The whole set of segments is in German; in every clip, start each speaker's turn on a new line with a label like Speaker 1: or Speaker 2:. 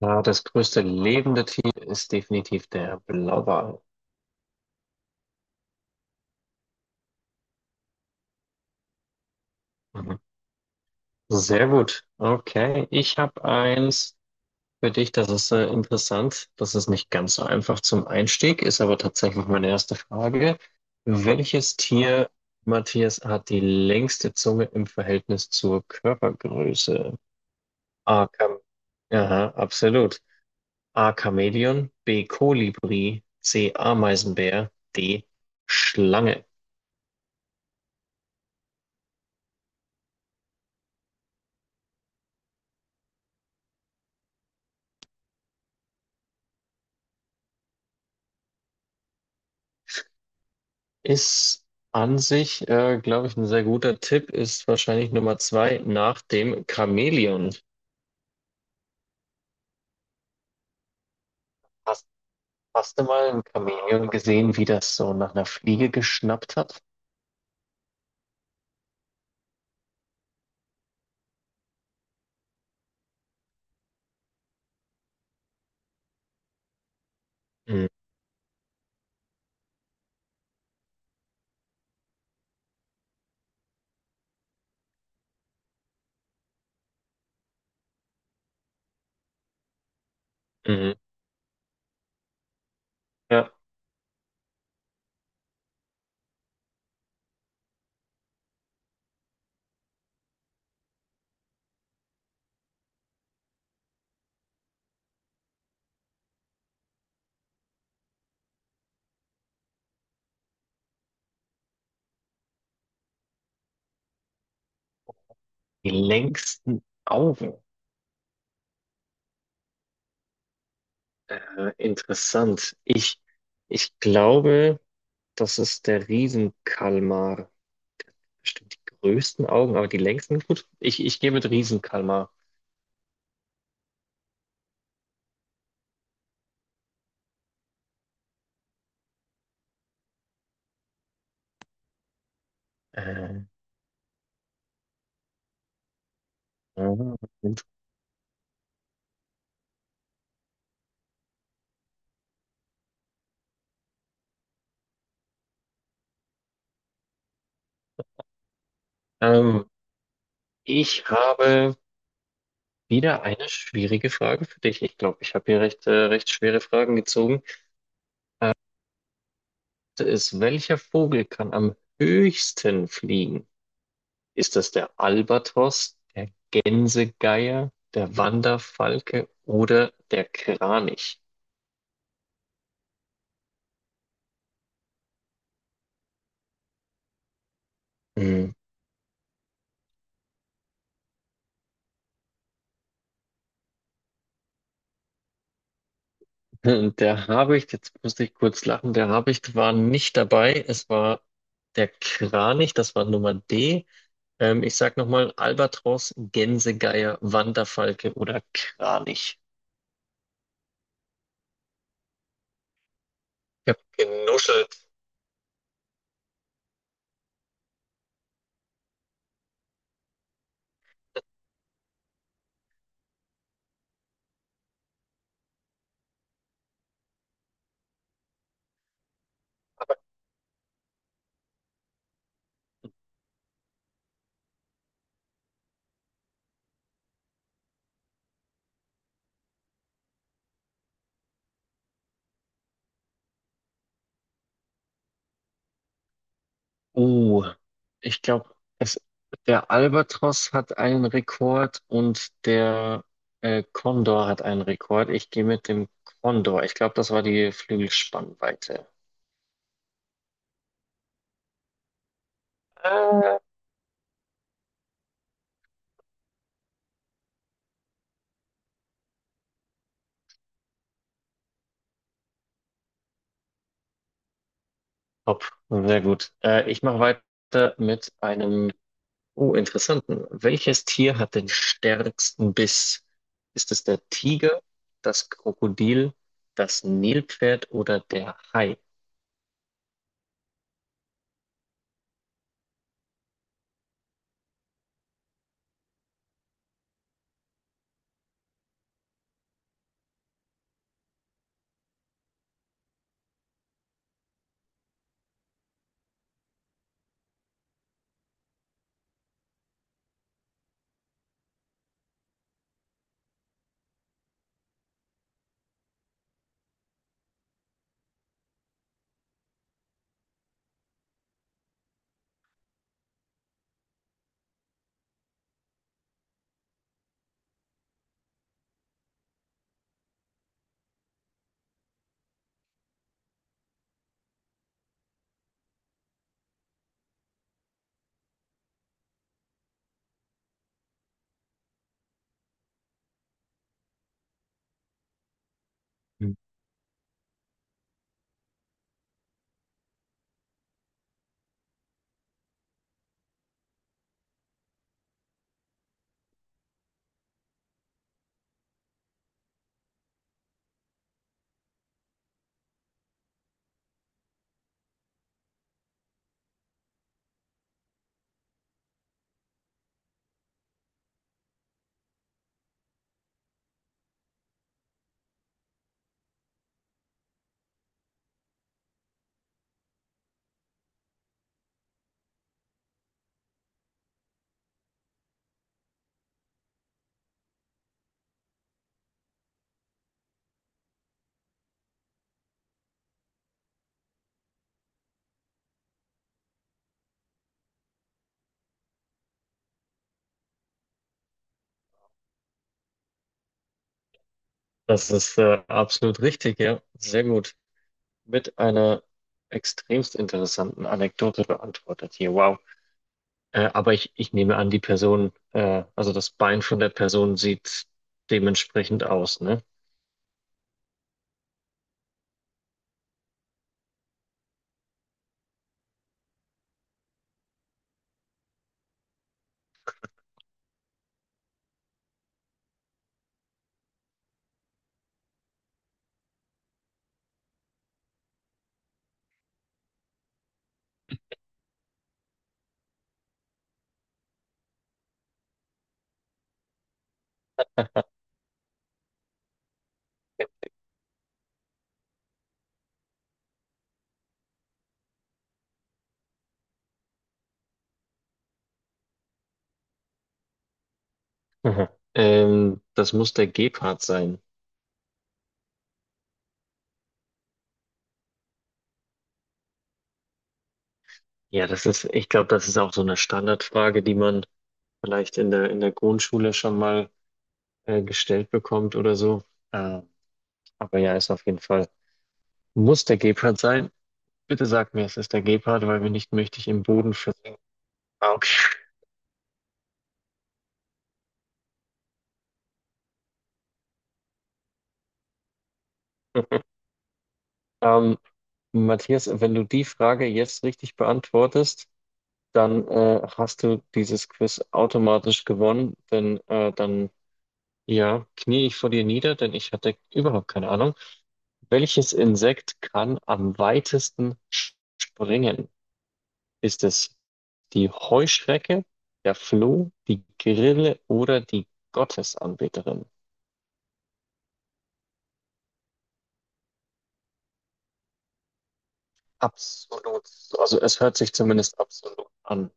Speaker 1: Ja, das größte lebende Tier ist definitiv der Blauwal. Mhm. Sehr gut. Okay, ich habe eins für dich, das ist interessant. Das ist nicht ganz so einfach zum Einstieg, ist aber tatsächlich meine erste Frage. Welches Tier, Matthias, hat die längste Zunge im Verhältnis zur Körpergröße? A. Kam Aha, absolut. A. Chamäleon, B. Kolibri, C. Ameisenbär, D. Schlange. Ist an sich, glaube ich, ein sehr guter Tipp, ist wahrscheinlich Nummer zwei nach dem Chamäleon. Hast, hast du mal ein Chamäleon gesehen, wie das so nach einer Fliege geschnappt hat? Mhm. Mhm. Ja, die längsten Augen. Interessant. Ich glaube, das ist der Riesenkalmar. Bestimmt die größten Augen, aber die längsten, gut. Ich gehe mit Riesenkalmar. Äh, äh, ähm, ich habe. Wieder eine schwierige Frage für dich. Ich glaube, ich habe hier recht, recht schwere Fragen gezogen. Ist, welcher Vogel kann am höchsten fliegen? Ist das der Albatros, der Gänsegeier, der Wanderfalke oder der Kranich? Hm. Der Habicht, jetzt musste ich kurz lachen, der Habicht war nicht dabei. Es war der Kranich, das war Nummer D. Ich sag nochmal, Albatros, Gänsegeier, Wanderfalke oder Kranich. Ich habe genuschelt. Oh, ich glaube, es der Albatros hat einen Rekord und der Kondor hat einen Rekord. Ich gehe mit dem Kondor. Ich glaube, das war die Flügelspannweite. Äh, Top, sehr gut. Ich mache weiter mit einem, oh, interessanten. Welches Tier hat den stärksten Biss? Ist es der Tiger, das Krokodil, das Nilpferd oder der Hai? Das ist absolut richtig, ja. Sehr gut. Mit einer extremst interessanten Anekdote beantwortet hier. Wow. Aber ich nehme an, die Person, also das Bein von der Person sieht dementsprechend aus, ne? Mhm. Das muss der Gepard sein. Ja, das ist, ich glaube, das ist auch so eine Standardfrage, die man vielleicht in der Grundschule schon mal gestellt bekommt oder so. Äh, aber ja, ist auf jeden Fall, muss der Gepard sein. Bitte sag mir, es ist der Gepard, weil wenn nicht, möchte ich im Boden versinken. Ah, okay. Ähm, Matthias, wenn du die Frage jetzt richtig beantwortest, dann hast du dieses Quiz automatisch gewonnen, denn dann ja, knie ich vor dir nieder, denn ich hatte überhaupt keine Ahnung. Welches Insekt kann am weitesten springen? Ist es die Heuschrecke, der Floh, die Grille oder die Gottesanbeterin? Absolut. Also es hört sich zumindest absolut an.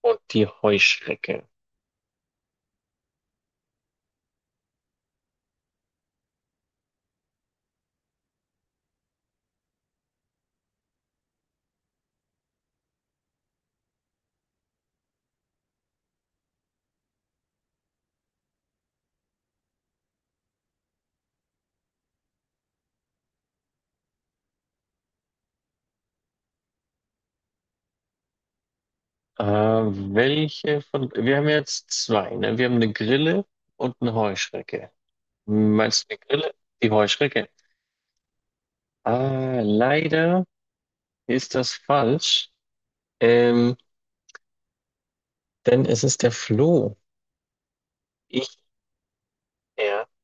Speaker 1: Und die Heuschrecke. Welche von... Wir haben jetzt zwei, ne? Wir haben eine Grille und eine Heuschrecke. Meinst du die Grille? Die Heuschrecke. Ah, leider ist das falsch. Ähm, denn es ist der Floh. Ich ja